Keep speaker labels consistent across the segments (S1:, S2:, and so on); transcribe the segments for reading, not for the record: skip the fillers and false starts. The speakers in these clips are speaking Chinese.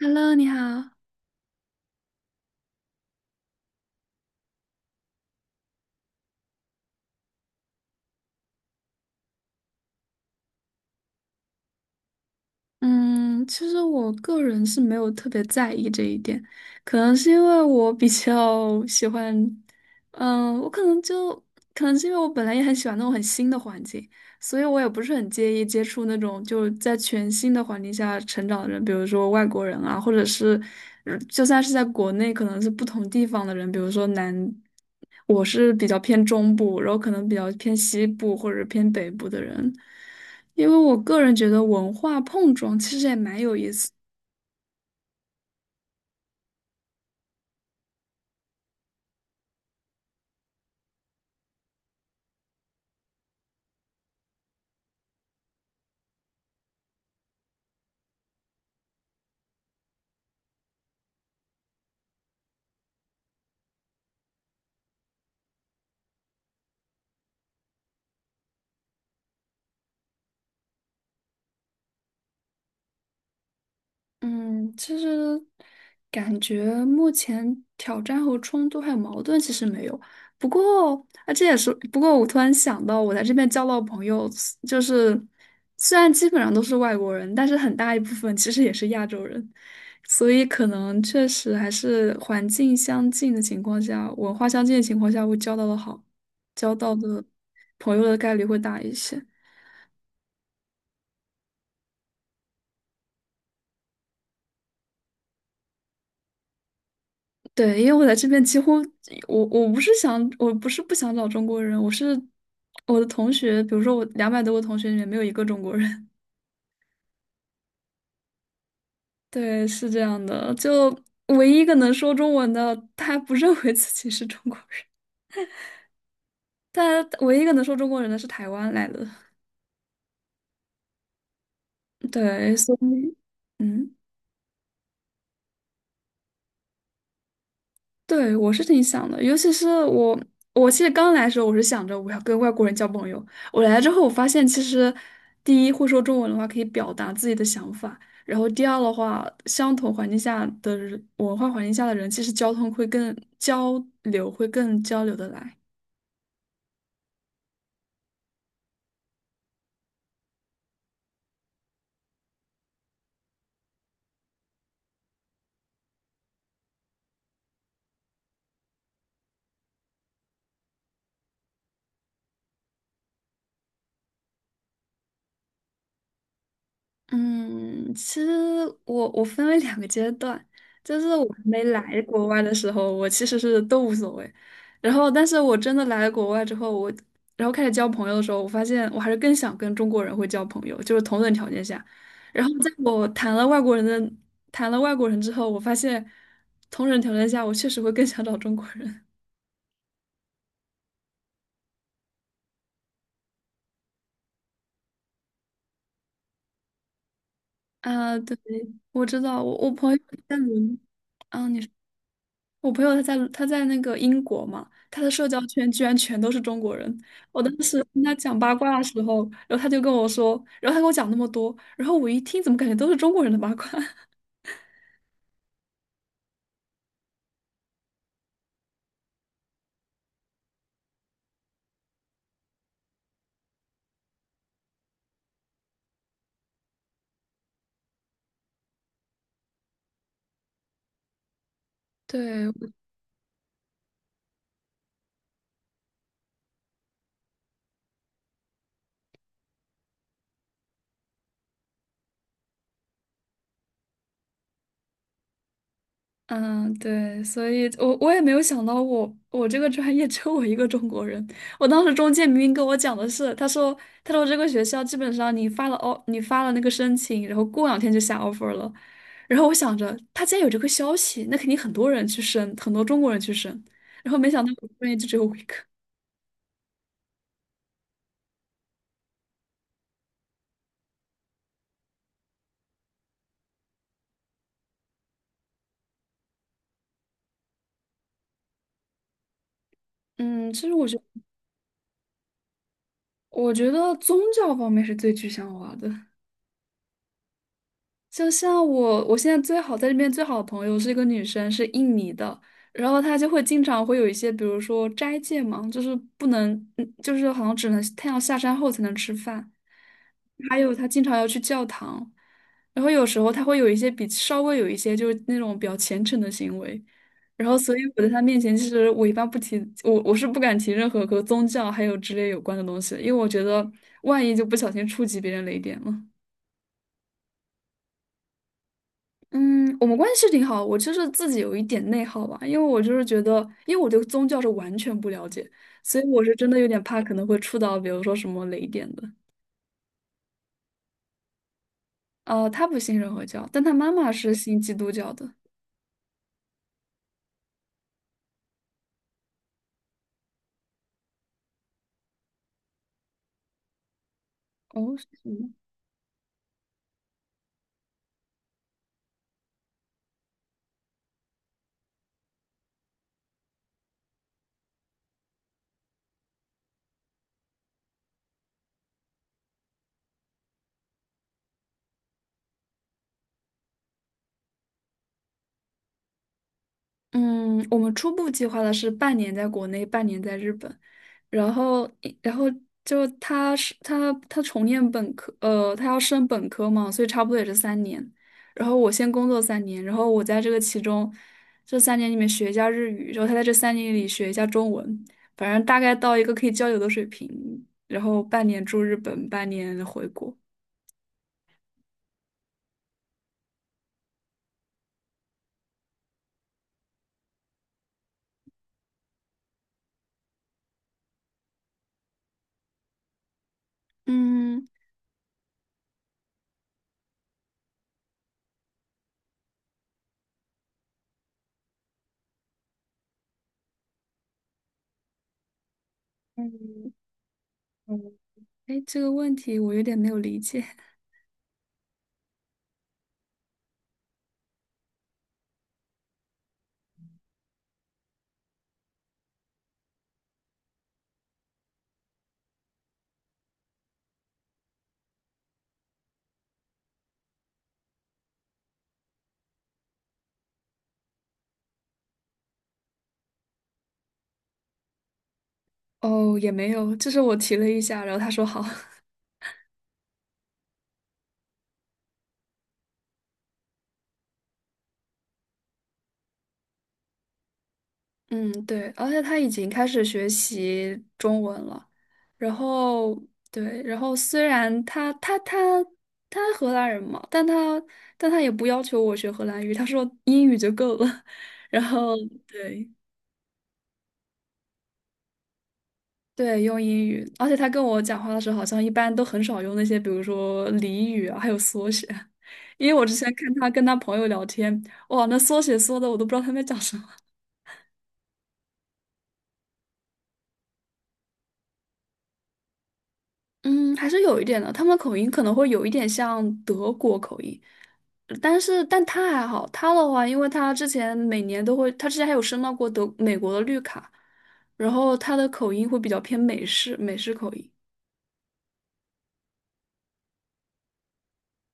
S1: Hello，你好。嗯，其实我个人是没有特别在意这一点，可能是因为我比较喜欢，嗯，我可能就可能是因为我本来也很喜欢那种很新的环境，所以我也不是很介意接触那种就是在全新的环境下成长的人，比如说外国人啊，或者是就算是在国内，可能是不同地方的人，比如说南，我是比较偏中部，然后可能比较偏西部或者偏北部的人。因为我个人觉得文化碰撞其实也蛮有意思。嗯，其实感觉目前挑战和冲突还有矛盾其实没有。不过啊，这也是不过我突然想到，我在这边交到朋友，就是虽然基本上都是外国人，但是很大一部分其实也是亚洲人，所以可能确实还是环境相近的情况下，文化相近的情况下，会交到的朋友的概率会大一些。对，因为我在这边几乎，我不是不想找中国人，我的同学，比如说我200多个同学里面没有一个中国人。对，是这样的，就唯一一个能说中文的，他不认为自己是中国人，但唯一一个能说中国人的是台湾来的。对，所以，嗯。对，我是挺想的，尤其是我，我其实刚来的时候，我是想着我要跟外国人交朋友。我来了之后，我发现其实，第一会说中文的话，可以表达自己的想法；然后第二的话，相同环境下的人文化环境下的人，其实交通会更交流，会更交流的来。嗯，其实我分为两个阶段，就是我还没来国外的时候，我其实是都无所谓，然后但是我真的来了国外之后，然后开始交朋友的时候，我发现我还是更想跟中国人会交朋友，就是同等条件下。然后在我谈了外国人的谈了外国人之后，我发现同等条件下，我确实会更想找中国人。啊、对，我知道，在伦，说。我朋友他在那个英国嘛，他的社交圈居然全都是中国人。我当时跟他讲八卦的时候，然后他就跟我说，然后他跟我讲那么多，然后我一听怎么感觉都是中国人的八卦？对，嗯，对，所以我也没有想到我这个专业 只有我一个中国人。我当时中介明明跟我讲的是，他说这个学校基本上你发了那个申请，然后过两天就下 offer 了。然后我想着他既然有这个消息，那肯定很多人去申，很多中国人去申。然后没想到我专业就只有我一个。嗯，其实我觉我觉得宗教方面是最具象化的。就像我，我现在最好在这边最好的朋友是一个女生，是印尼的，然后她就会经常会有一些，比如说斋戒嘛，就是不能，嗯就是好像只能太阳下山后才能吃饭，还有她经常要去教堂，然后有时候她会有一些比稍微有一些就是那种比较虔诚的行为，然后所以我在她面前，其实我一般不提，我是不敢提任何和宗教还有之类有关的东西的，因为我觉得万一就不小心触及别人雷点了。嗯，我们关系是挺好，我就是自己有一点内耗吧，因为我对宗教是完全不了解，所以我是真的有点怕可能会触到，比如说什么雷点的。呃，他不信任何教，但他妈妈是信基督教的。哦，是吗？嗯，我们初步计划的是半年在国内，半年在日本。然后然后就他是他他重念本科，呃，他要升本科嘛，所以差不多也是三年。然后我先工作三年，然后我在这个其中这三年里面学一下日语，然后他在这三年里学一下中文，反正大概到一个可以交流的水平。然后半年住日本，半年回国。嗯，哎，这个问题我有点没有理解。哦，也没有，就是我提了一下，然后他说好。嗯，对，而且他已经开始学习中文了，然后对，然后虽然他他荷兰人嘛，但他也不要求我学荷兰语，他说英语就够了，然后对对，用英语，而且他跟我讲话的时候，好像一般都很少用那些，比如说俚语啊，还有缩写，因为我之前看他跟他朋友聊天，哇，那缩写缩的我都不知道他们在讲什么。嗯，还是有一点的，他们口音可能会有一点像德国口音，但他还好，他的话，因为他之前每年都会，他之前还有申到过德美国的绿卡，然后他的口音会比较偏美式口音。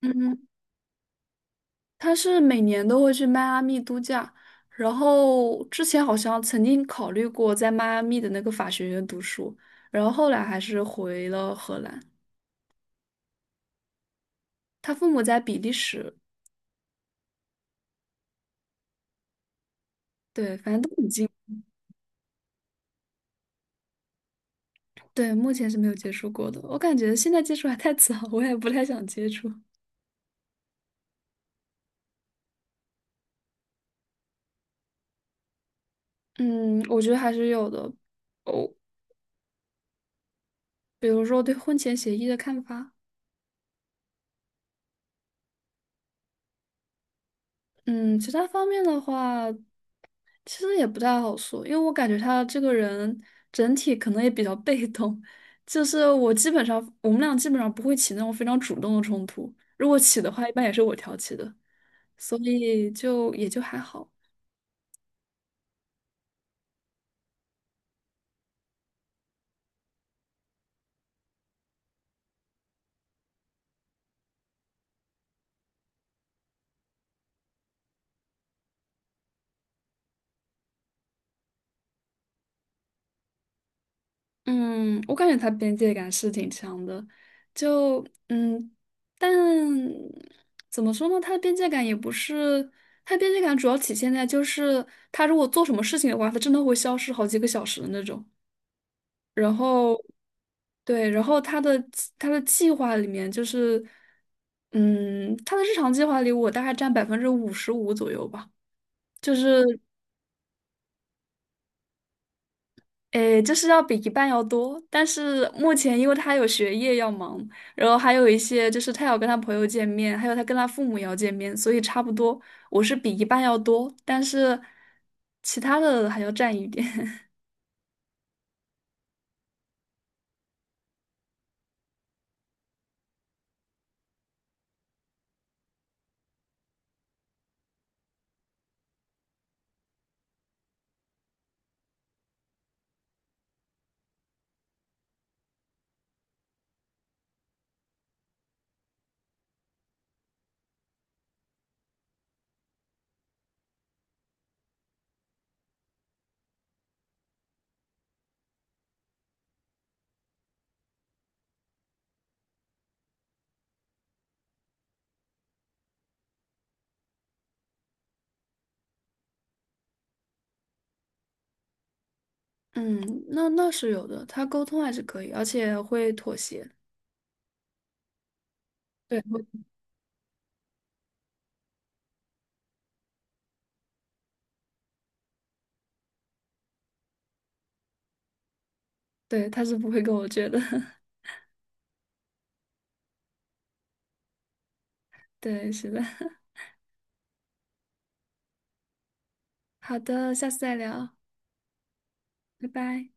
S1: 嗯，他是每年都会去迈阿密度假，然后之前好像曾经考虑过在迈阿密的那个法学院读书，然后后来还是回了荷兰。他父母在比利时，对，反正都很近。对，目前是没有接触过的。我感觉现在接触还太早，我也不太想接触。嗯，我觉得还是有的。哦，比如说对婚前协议的看法。嗯，其他方面的话，其实也不太好说，因为我感觉他这个人整体可能也比较被动。就是我们俩基本上不会起那种非常主动的冲突，如果起的话，一般也是我挑起的，所以就也就还好。嗯，我感觉他边界感是挺强的，就嗯，但怎么说呢？他的边界感也不是，他边界感主要体现在就是他如果做什么事情的话，他真的会消失好几个小时的那种。然后，对，他的计划里面就是，嗯，他的日常计划里我大概占55%左右吧，就是。诶，就是要比一半要多，但是目前因为他有学业要忙，然后还有一些就是他要跟他朋友见面，还有他跟他父母也要见面，所以差不多我是比一半要多，但是其他的还要占一点。嗯，那那是有的，他沟通还是可以，而且会妥协。对，对，他是不会跟我倔的。对，是的。好的，下次再聊，拜拜。